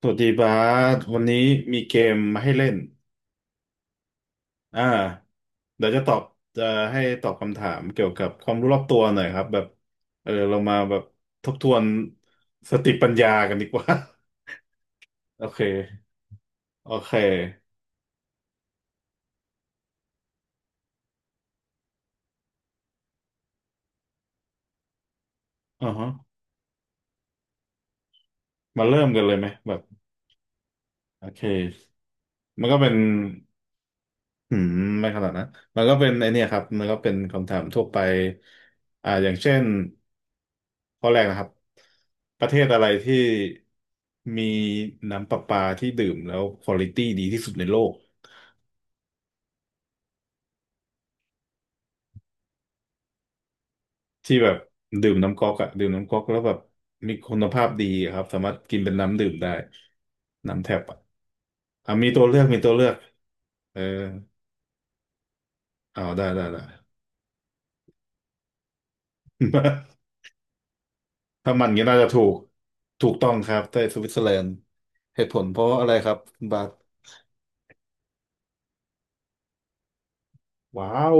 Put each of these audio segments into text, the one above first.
สวัสดีบาสวันนี้มีเกมมาให้เล่นอ่าเดี๋ยวจะตอบจะให้ตอบคำถามเกี่ยวกับความรู้รอบตัวหน่อยครับแบบเรามาแบบทบทวนสติปัญญากันดีกว่า โอเคโอเคอ่าฮะมาเริ่มกันเลยไหมแบบโอเคมันก็เป็นอืมไม่ขนาดนะมันก็เป็นไอเนี่ยครับมันก็เป็นคำถามทั่วไปอย่างเช่น ข้อแรกนะครับประเทศอะไรที่มีน้ำประปาที่ดื่มแล้วควอลิตี้ดีที่สุดในโลกที่แบบดื่มน้ำก๊อกอะดื่มน้ำก๊อกแล้วแบบมีคุณภาพดีอะครับสามารถกินเป็นน้ำดื่มได้น้ำแทบอะอ่ะมีตัวเลือกเออเอาได้ได้ ถ้ามันงี้น่าจะถูกถูกต้องครับแต่สวิตเซอร์แลนด์เหตุผลเพราะอะไรครับคุณบาทว้าว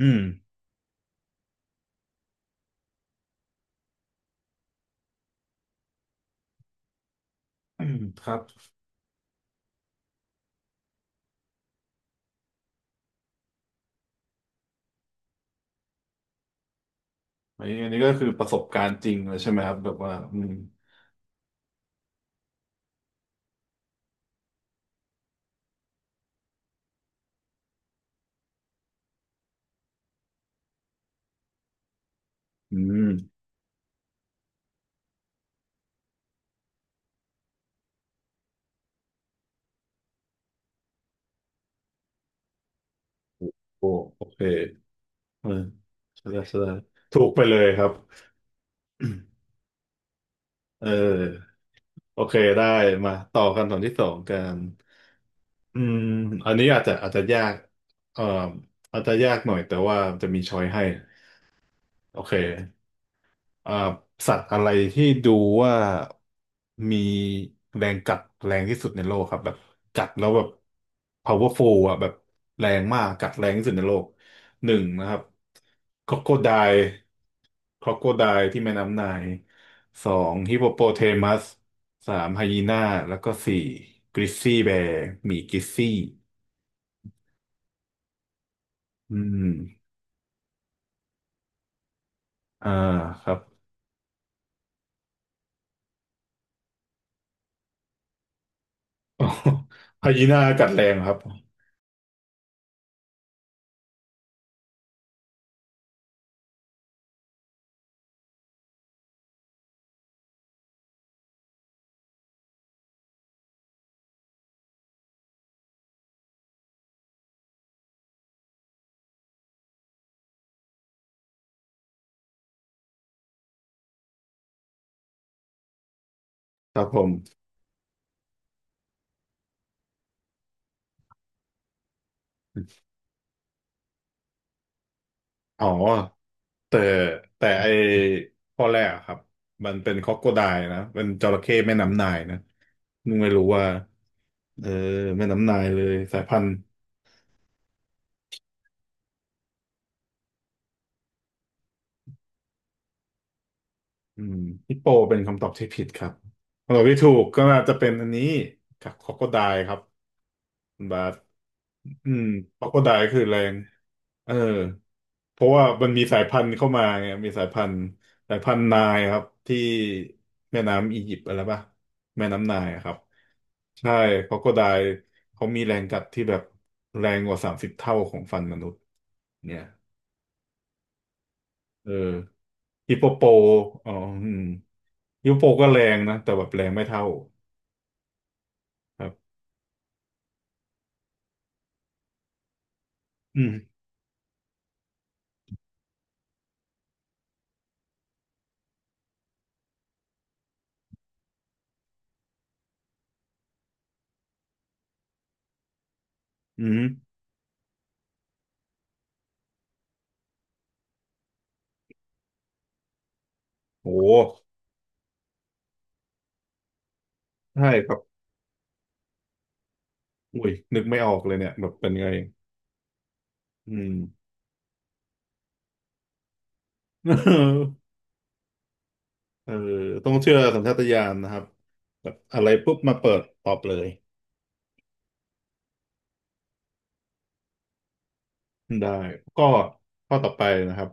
อืมอืมครับ อันนี้อันนี้ก็คือประสบการณ์จริงเลยใช่ไหมครับแบบว่าอืมอืมโอ้โอเคเออใช่ได้ใช่ได้ถูกไปเลยครับ เออโอเคได้มาต่อคำถามที่สองกันอืมอันนี้อาจจะอาจจะยากเอ่ออาจจะยากหน่อยแต่ว่าจะมีช้อยให้โอเค เอ่อสัตว์อะไรที่ดูว่ามีแรงกัดแรงที่สุดในโลกครับแบบกัดแล้วแบบ powerful อ่ะแบบแรงมากกัดแรงที่สุดในโลกหนึ่งนะครับคร o โคได l ์คร o โคได l ์ที่แม่น้ำไนายสองฮิปโปโปเทมัสสามไฮยีน่าแล้วก็สี่กริซซี่แบร์หมีกริซซี่อืมอ่าครับ ไฮยีน่ากัดแรงครับครับผมอ๋อ แต่แต่ไอข้อแรกอะครับมันเป็นค o อกโคไดนะเป็นจระเข้แม่น้ำนายนะนุงไม่รู้ว่าเออแม่น้ำนายเลยสายพันธุ์อืมฮิปโปเป็นคำตอบที่ผิดครับคำตอบที่ถูกก็น่าจะเป็นอันนี้ครับค o อกโคไดครับคุณบาส อืมครอกโคไดคือแรงเออเพราะว่ามันมีสายพันธุ์เข้ามาไงมีสายพันธุ์สายพันธุ์ไนายครับที่แม่น้ำอียิปต์อะไรป่ะแม่น้ำไนายครับใช่ครอกโคไดล์เขามีแรงกัดที่แบบแรงกว่า30เท่าของฟันมนุษย์เนี่ยเออฮิปโปโปอ๋ออืมฮิปโปโปก็แรงนะแต่แบบแรงไม่เท่าครับอืมอืมโหใช่ครับอุ้ยนึกไม่ออกเลยเนี่ยแบบเป็นไงอืม เออเออต้องเชื่อสัญชาตญาณนะครับแบบอะไรปุ๊บมาเปิดตอบเลยได้ก็ข้อต่อไปนะครับ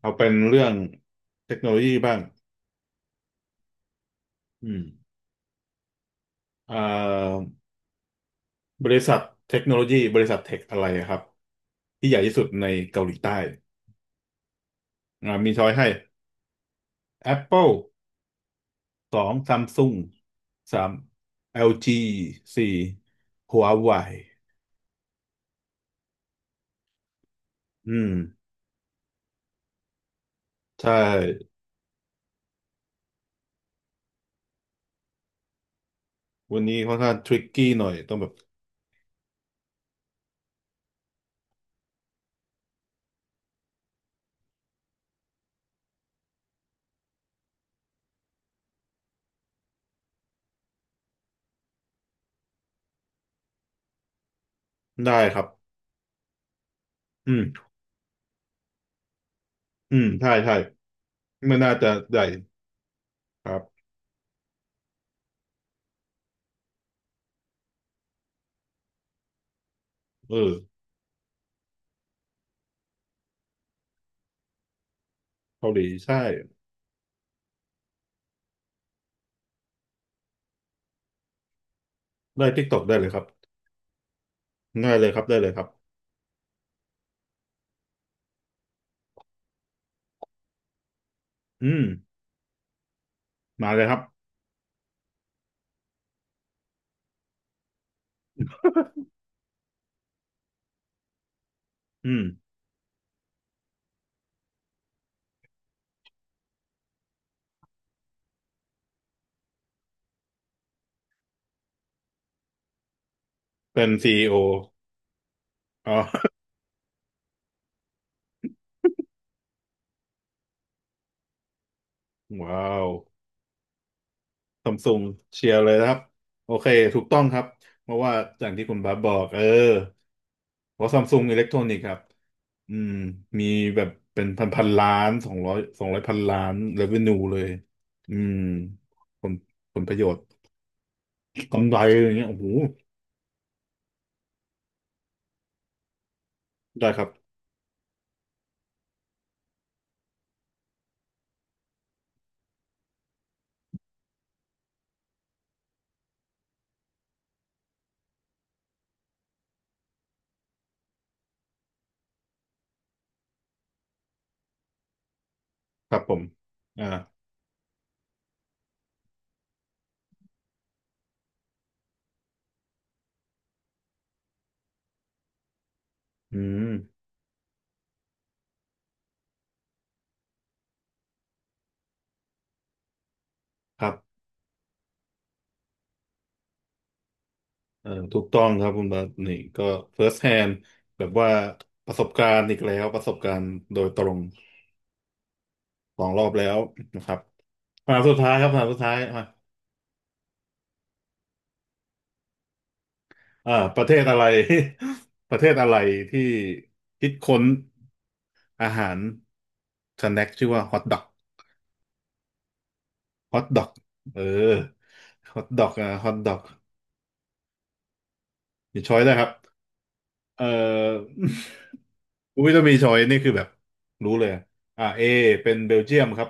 เอาเป็นเรื่องเทคโนโลยีบ้างอืมอ่าบริษัทเทคโนโลยีบริษัทเทคอะไรครับที่ใหญ่ที่สุดในเกาหลีใต้มีช้อยให้ Apple สองซัมซุงสาม LG สี่ Huawei อืมใช่วันนี้ค่อนข้างทริกกี้หน่อยต้องแบบได้ครับอืม อืมใช่ใช่ไม่น่าจะได้ครับเออเกาหลีใช่ได้ทิกตอกได้เลยครับได้เลยครับอืมมาเลยครับอืมเป็นซีอีโออ๋อ ว้าวซัมซุงเชียร์เลยนะครับโอเคถูกต้องครับเพราะว่าอย่างที่คุณบับบอกเออเพราะซัมซุงอิเล็กทรอนิกส์ครับอืมมีแบบเป็นพันพันล้านสองร้อยสองร้อยพันล้านเ v เ n นูเลยอืมผลผลประโยชน์กำไรอย่างเงี้ยโอ้โหได้ครับ ครับผมอ่าอืม ครับถูกต้องครับคุณบาสนี่ก็ first hand แบบว่าประสบการณ์อีกแล้วประสบการณ์โดยตรงสองรอบแล้วนะครับคำถามสุดท้ายครับคำถามสุดท้ายมาประเทศอะไร ประเทศอะไรที่คิดค้นอาหารสแน็คชื่อว่าฮอทดอกฮอทดอกเออฮอทดอกอ่ะฮอทดอกมีช้อยได้วยครับ เอ่อ อุ้ยถ้ามีช้อยนี่คือแบบรู้เลย เอเป็นเบลเยียมครับ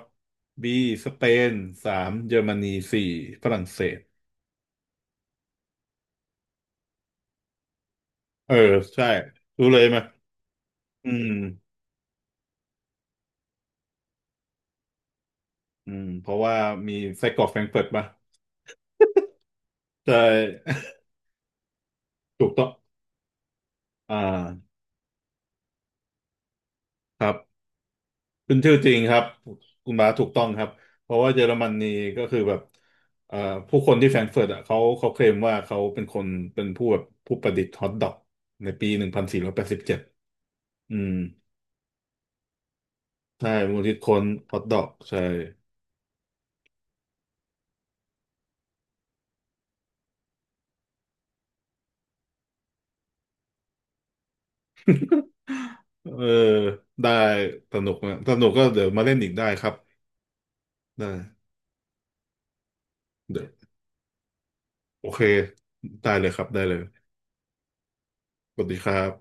บีสเปนสามเยอรมนีสี่ฝรั่งเศสเออใช่รู้เลยไหม อืมอืมเพราะว่ามีไส้กรอกแฟรงก์เฟิร์ตมะใช่ ถูกต้องอ่าครับ เป็นชื่อจริงครับคุณบาสถูกต้องครับเพราะว่าเยอรมนีก็คือแบบเอ่อผู้คนที่แฟรงก์เฟิร์ตอ่ะเขาเคลมว่าเขาเป็นคนเป็นผู้แบบผู้ประดิษฐ์ฮอทดอกในปี1487อืมใช่มป็นคิดค้นฮอทดอกใช่เออได้สนุกนะสนุกก็เดี๋ยวมาเล่นอีกได้ครับได้เดี๋ยวโอเคได้เลยครับได้เลยสวัสดีครับ